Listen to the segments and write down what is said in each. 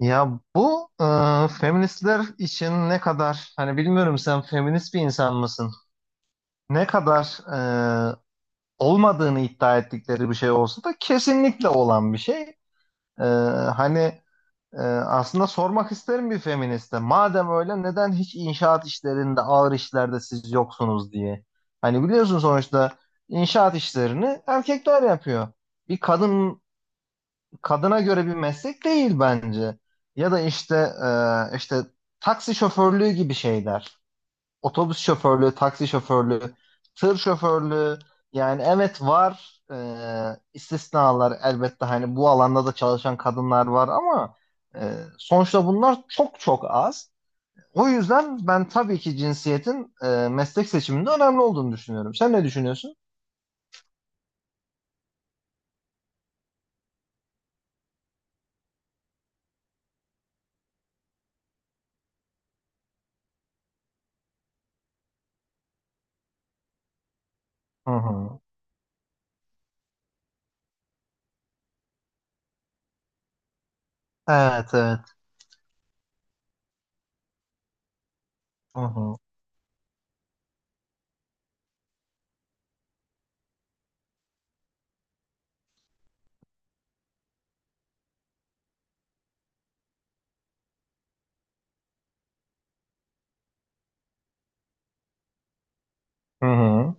Ya bu feministler için ne kadar hani bilmiyorum, sen feminist bir insan mısın? Ne kadar e, olmadığını iddia ettikleri bir şey olsa da kesinlikle olan bir şey. E, hani, aslında sormak isterim bir feministe. Madem öyle neden hiç inşaat işlerinde, ağır işlerde siz yoksunuz diye. Hani biliyorsun, sonuçta inşaat işlerini erkekler yapıyor. Bir kadın Kadına göre bir meslek değil bence. Ya da işte e, işte taksi şoförlüğü gibi şeyler. Otobüs şoförlüğü, taksi şoförlüğü, tır şoförlüğü. Yani evet var, istisnalar elbette, hani bu alanda da çalışan kadınlar var, ama sonuçta bunlar çok az. O yüzden ben tabii ki cinsiyetin meslek seçiminde önemli olduğunu düşünüyorum. Sen ne düşünüyorsun? Hı hı. Evet, evet. Hı hı. Hı hı.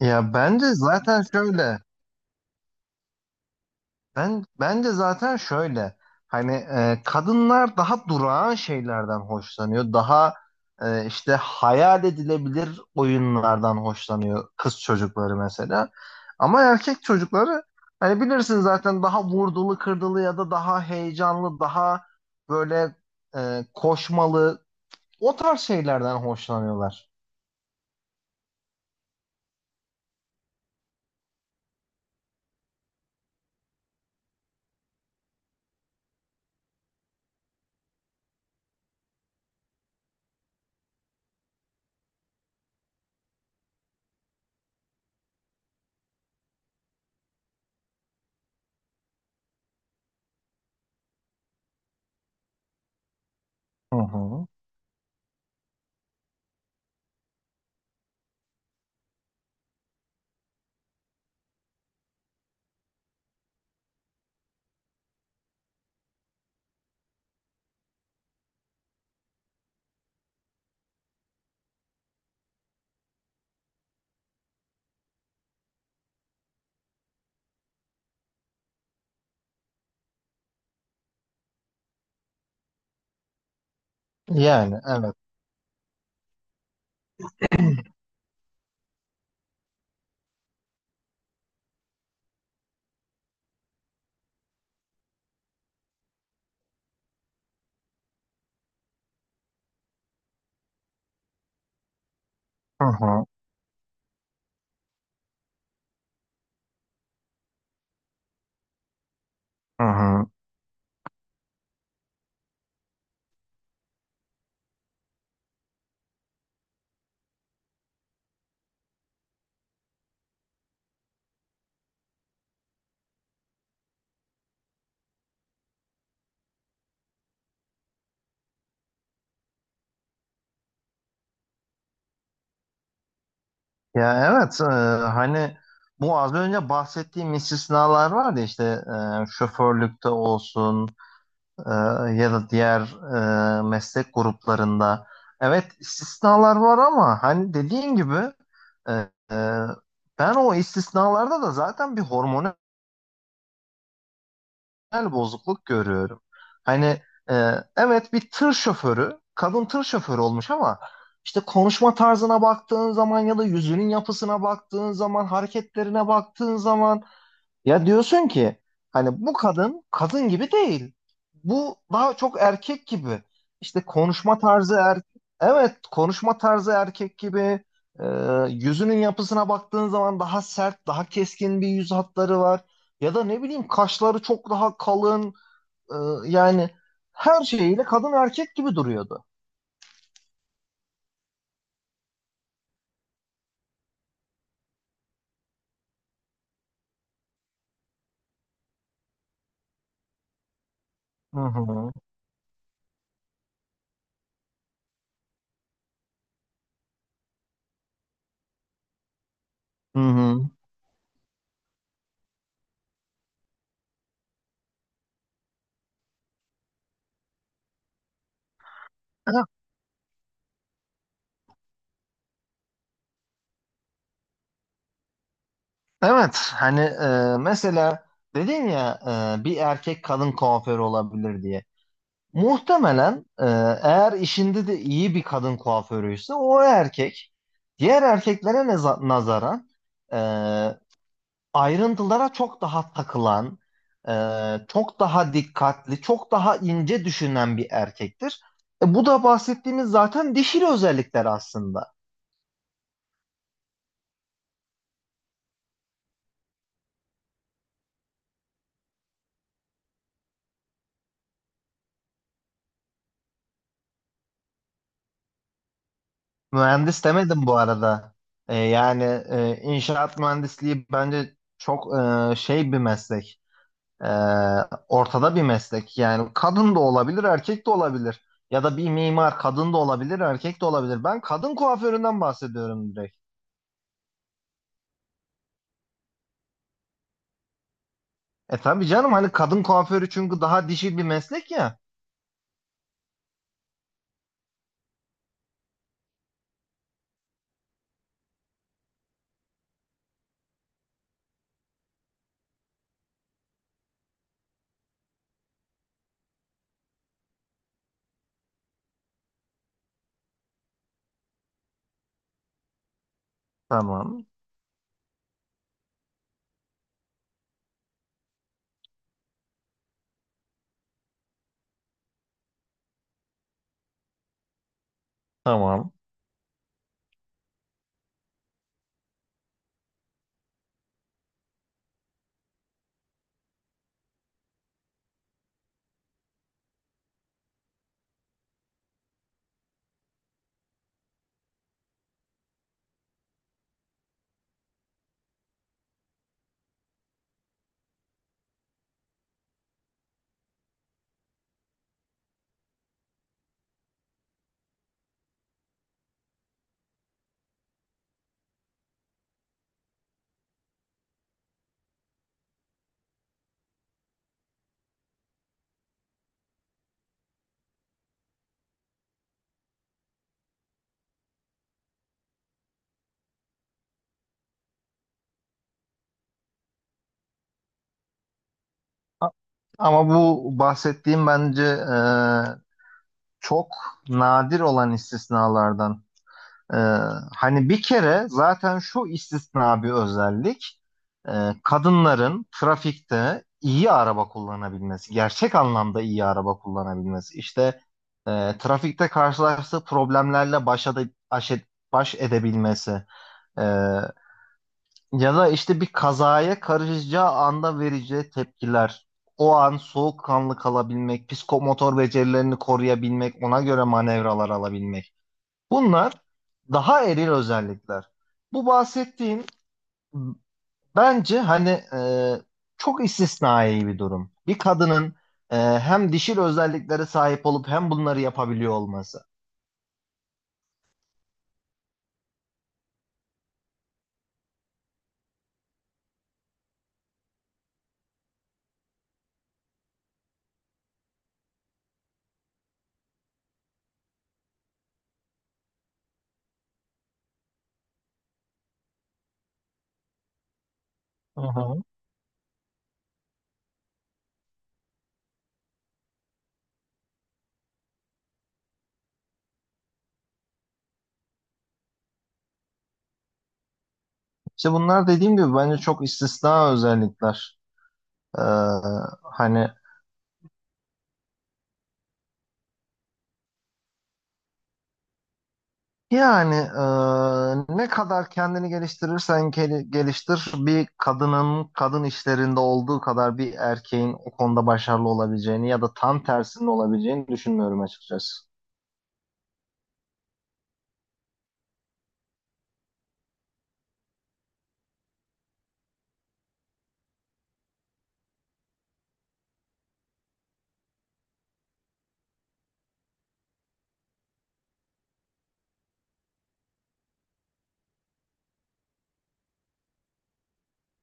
Ya bence zaten şöyle. Bence zaten şöyle, hani kadınlar daha durağan şeylerden hoşlanıyor. Daha hayal edilebilir oyunlardan hoşlanıyor kız çocukları mesela. Ama erkek çocukları hani bilirsin zaten daha vurdulu kırdılı ya da daha heyecanlı, daha böyle koşmalı o tarz şeylerden hoşlanıyorlar. Hı hı. Yani evet. Hı hı. Hı hı. Ya evet, hani bu az önce bahsettiğim istisnalar var ya, işte şoförlükte olsun, e, ya da diğer meslek gruplarında. Evet istisnalar var ama hani dediğin gibi, e, e, ben o istisnalarda da zaten bir hormonal moral bozukluk görüyorum. Hani e, evet, bir tır şoförü, kadın tır şoförü olmuş ama işte konuşma tarzına baktığın zaman ya da yüzünün yapısına baktığın zaman, hareketlerine baktığın zaman ya diyorsun ki hani bu kadın kadın gibi değil. Bu daha çok erkek gibi. İşte konuşma tarzı erkek. Evet, konuşma tarzı erkek gibi. Ee, yüzünün yapısına baktığın zaman daha sert, daha keskin bir yüz hatları var. Ya da ne bileyim kaşları çok daha kalın. Yani her şeyiyle kadın erkek gibi duruyordu. Hı hı. Hı hı. Evet, hani mesela dedin ya, bir erkek kadın kuaförü olabilir diye. Muhtemelen eğer işinde de iyi bir kadın kuaförüyse o erkek, diğer erkeklere nazaran e, ayrıntılara çok daha takılan, e, çok daha dikkatli, çok daha ince düşünen bir erkektir. E, bu da bahsettiğimiz zaten dişil özellikler aslında. Mühendis demedim bu arada. Yani inşaat mühendisliği bence çok şey bir meslek. Ee, ortada bir meslek. Yani kadın da olabilir, erkek de olabilir. Ya da bir mimar kadın da olabilir, erkek de olabilir. Ben kadın kuaföründen bahsediyorum direkt. E tabii canım, hani kadın kuaförü, çünkü daha dişi bir meslek ya. Tamam, tamam. Ama bu bahsettiğim bence çok nadir olan istisnalardan. Ee, hani bir kere zaten şu istisna bir özellik, kadınların trafikte iyi araba kullanabilmesi, gerçek anlamda iyi araba kullanabilmesi. İşte trafikte karşılaştığı problemlerle baş edebilmesi. E, ya da işte bir kazaya karışacağı anda vereceği tepkiler. O an soğukkanlı kalabilmek, psikomotor becerilerini koruyabilmek, ona göre manevralar alabilmek. Bunlar daha eril özellikler. Bu bahsettiğim bence hani çok istisnai bir durum. Bir kadının hem dişil özelliklere sahip olup hem bunları yapabiliyor olması. Hı hı. İşte bunlar dediğim gibi bence çok istisna özellikler. E, hani Yani ne kadar kendini geliştirirsen geliştir, bir kadının kadın işlerinde olduğu kadar bir erkeğin o konuda başarılı olabileceğini ya da tam tersinin olabileceğini düşünmüyorum açıkçası.